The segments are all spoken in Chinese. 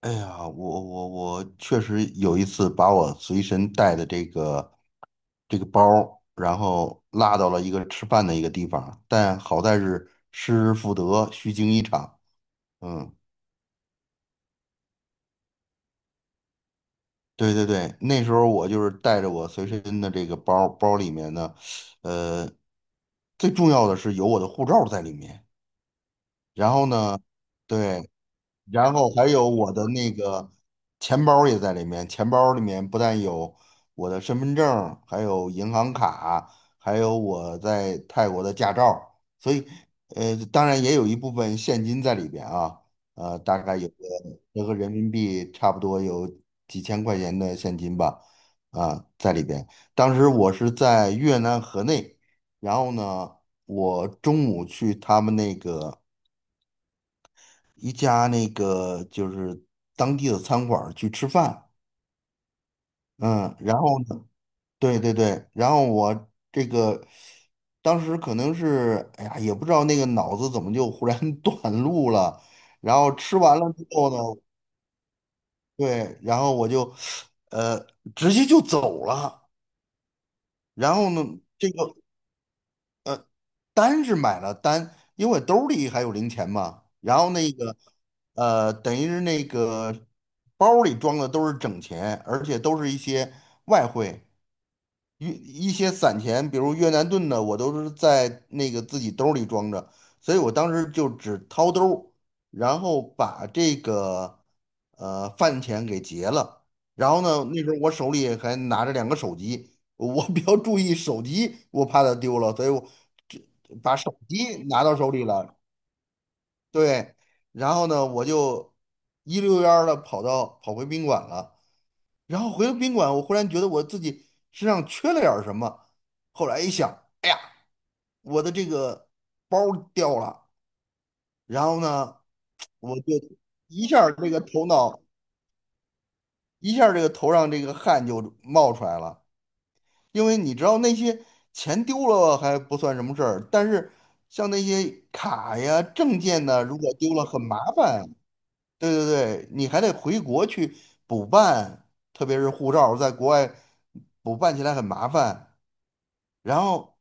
哎呀，我确实有一次把我随身带的这个包儿然后落到了一个吃饭的一个地方，但好在是失而复得，虚惊一场。嗯，对对对，那时候我就是带着我随身的这个包儿，包里面呢，呃，最重要的是有我的护照在里面。然后呢，对。然后还有我的那个钱包也在里面，钱包里面不但有我的身份证，还有银行卡，还有我在泰国的驾照，所以当然也有一部分现金在里边啊。大概有个折合人民币差不多有几千块钱的现金吧，啊，在里边。当时我是在越南河内，然后呢，我中午去他们那个，一家那个就是当地的餐馆儿去吃饭。嗯，然后呢，对对对，然后我这个当时可能是，哎呀，也不知道那个脑子怎么就忽然 短路了，然后吃完了之后呢，对，然后我就呃直接就走了。然后呢，这个单是买了单，因为兜里还有零钱嘛。然后那个，等于是那个包里装的都是整钱，而且都是一些外汇。一一些散钱，比如越南盾的，我都是在那个自己兜儿里装着，所以我当时就只掏兜儿，然后把这个饭钱给结了。然后呢，那时候我手里还拿着2个手机，我比较注意手机，我怕它丢了，所以我这把手机拿到手里了。对，然后呢，我就一溜烟儿的跑回宾馆了。然后回到宾馆，我忽然觉得我自己身上缺了点儿什么。后来一想，我的这个包儿掉了。然后呢，我就一下儿这个头脑，一下儿这个头上这个汗就冒出来了。因为你知道那些钱丢了还不算什么事儿，但是像那些卡呀、证件呢，如果丢了很麻烦啊。对对对，你还得回国去补办，特别是护照在国外补办起来很麻烦。然后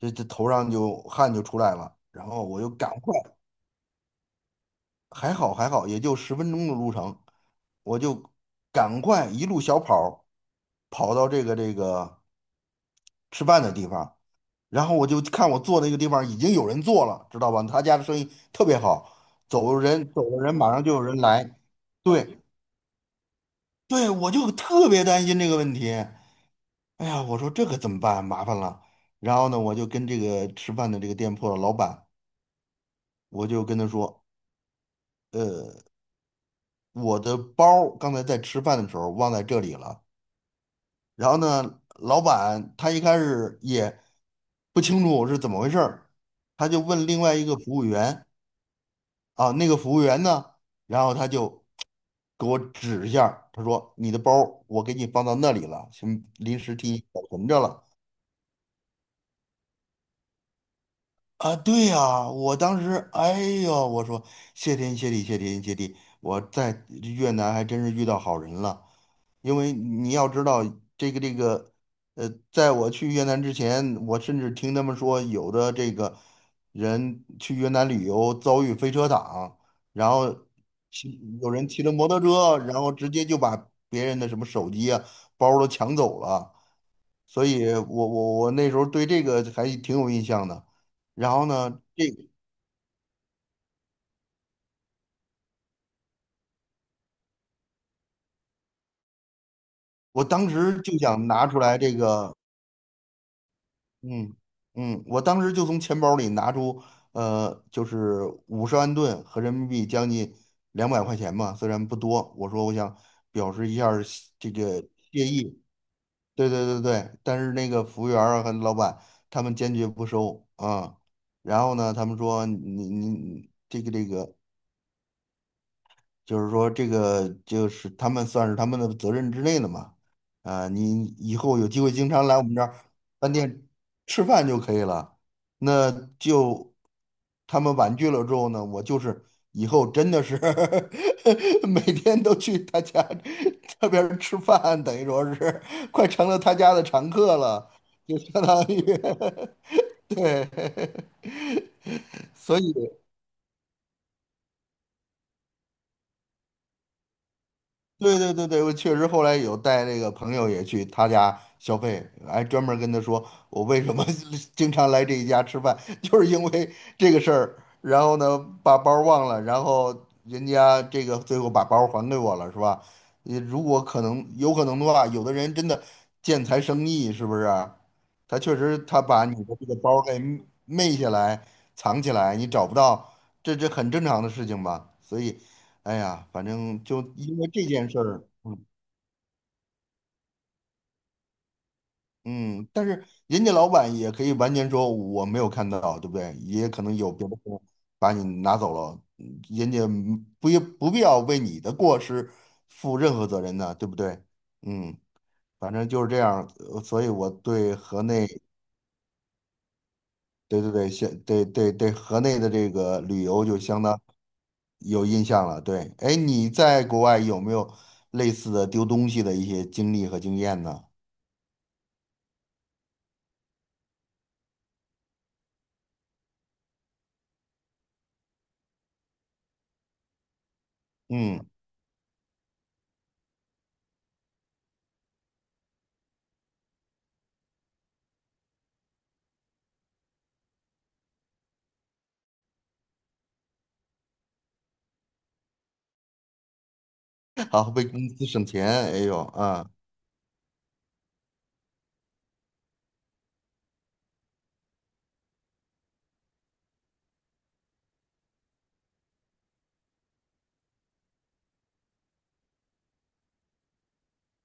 这头上就汗就出来了，然后我就赶快，还好还好，也就10分钟的路程，我就赶快一路小跑儿跑到这个吃饭的地方。然后我就看我坐那个地方已经有人坐了，知道吧？他家的生意特别好，走了人马上就有人来。对对，我就特别担心这个问题。哎呀，我说这可怎么办？麻烦了。然后呢，我就跟这个吃饭的这个店铺的老板，我就跟他说，呃，我的包儿刚才在吃饭的时候忘在这里了。然后呢，老板他一开始也不清楚是怎么回事儿，他就问另外一个服务员啊，那个服务员呢，然后他就给我指一下儿，他说你的包儿我给你放到那里了，先临时替你保存着了。啊，对呀，我当时，哎呦，我说谢天谢地，谢天谢地，我在越南还真是遇到好人了。因为你要知道，这个这个，在我去越南之前，我甚至听他们说，有的这个人去越南旅游遭遇飞车党，然后有人骑着摩托车，然后直接就把别人的什么手机啊、包儿都抢走了。所以我那时候对这个还挺有印象的。然后呢，我当时就想拿出来这个。嗯我当时就从钱包里拿出，就是500,000盾和人民币将近200块钱嘛，虽然不多，我说我想表示一下儿谢这个谢意，对对对对，但是那个服务员儿啊和老板他们坚决不收啊。然后呢，他们说你这个就是说这个就是他们，算是他们的责任之内的嘛。啊，你以后有机会经常来我们这儿饭店吃饭就可以了。那就他们婉拒了之后呢，我就是以后真的是 每天都去他家这边儿吃饭，等于说是快成了他家的常客了，就相当于 对。所以。对对对对，我确实后来有带那个朋友也去他家消费，还专门跟他说我为什么 经常来这一家吃饭，就是因为这个事儿。然后呢，把包忘了，然后人家这个最后把包还给我了，是吧？你如果可能，有可能的话，有的人真的见财生意，是不是啊？他确实他把你的这个包给昧下来、藏起来，你找不到，这这很正常的事情吧？所以，哎呀，反正就因为这件事儿，嗯，但是人家老板也可以完全说我没有看到，对不对？也可能有别的人把你拿走了，人家不不必要为你的过失负任何责任呢，对不对？嗯，反正就是这样，所以我对河内，对对对,河内的这个旅游就相当有印象了。对，哎，你在国外有没有类似的丢东西的一些经历和经验呢？嗯。好为公司省钱。哎呦啊，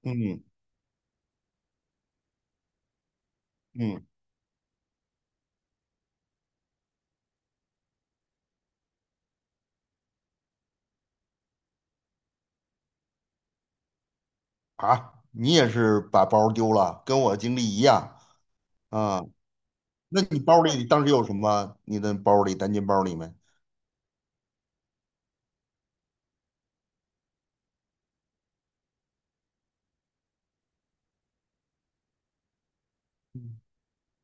嗯嗯啊，你也是把包丢了，跟我经历一样啊。那你包里当时有什么？你的包里，单肩包里面？嗯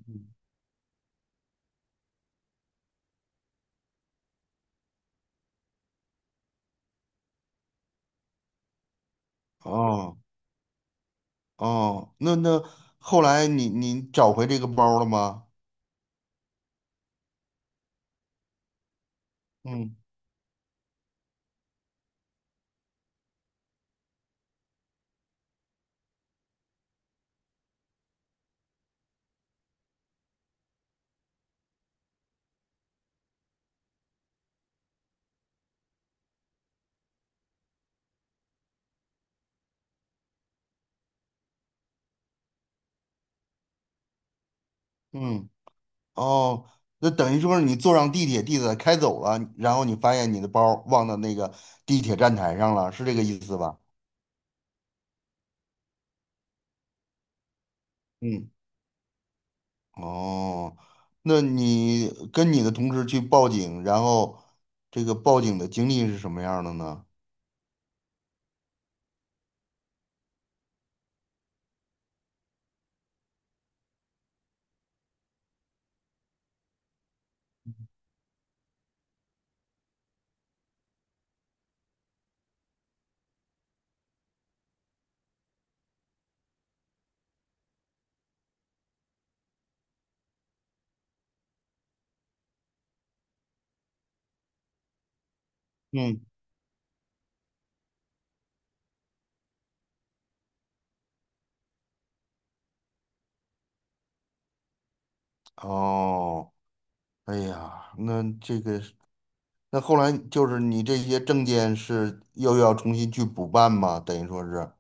嗯哦哦，那后来你你找回这个包了吗？嗯嗯哦，那等于说是你坐上地铁，地铁开走了，然后你发现你的包忘到那个地铁站台上了，是这个意思吧？嗯。哦，那你跟你的同事去报警，然后这个报警的经历是什么样的呢？嗯。哦，哎呀，那这个是，那后来就是你这些证件是又要重新去补办吗？等于说是，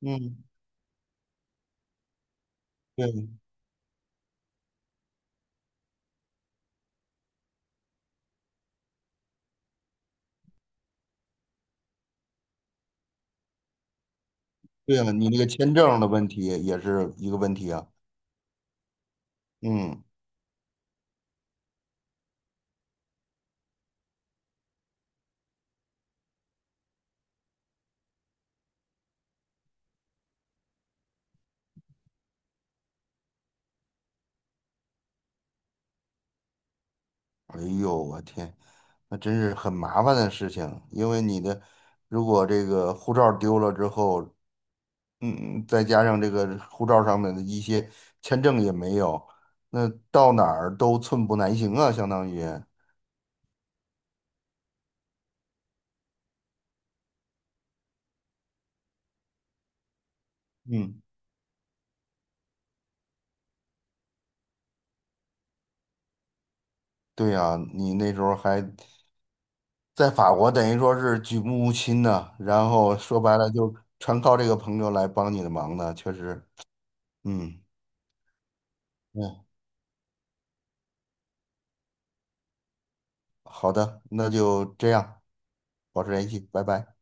嗯，对。对啊，你那个签证的问题也是一个问题啊。嗯，哎呦，我天，那真是很麻烦的事情，因为你的，如果这个护照丢了之后，嗯，再加上这个护照上面的一些签证也没有，那到哪儿都寸步难行啊，相当于。嗯，对呀，你那时候还在法国，等于说是举目无亲呢，然后说白了就全靠这个朋友来帮你的忙呢，确实。嗯嗯，好的，那就这样，保持联系，拜拜。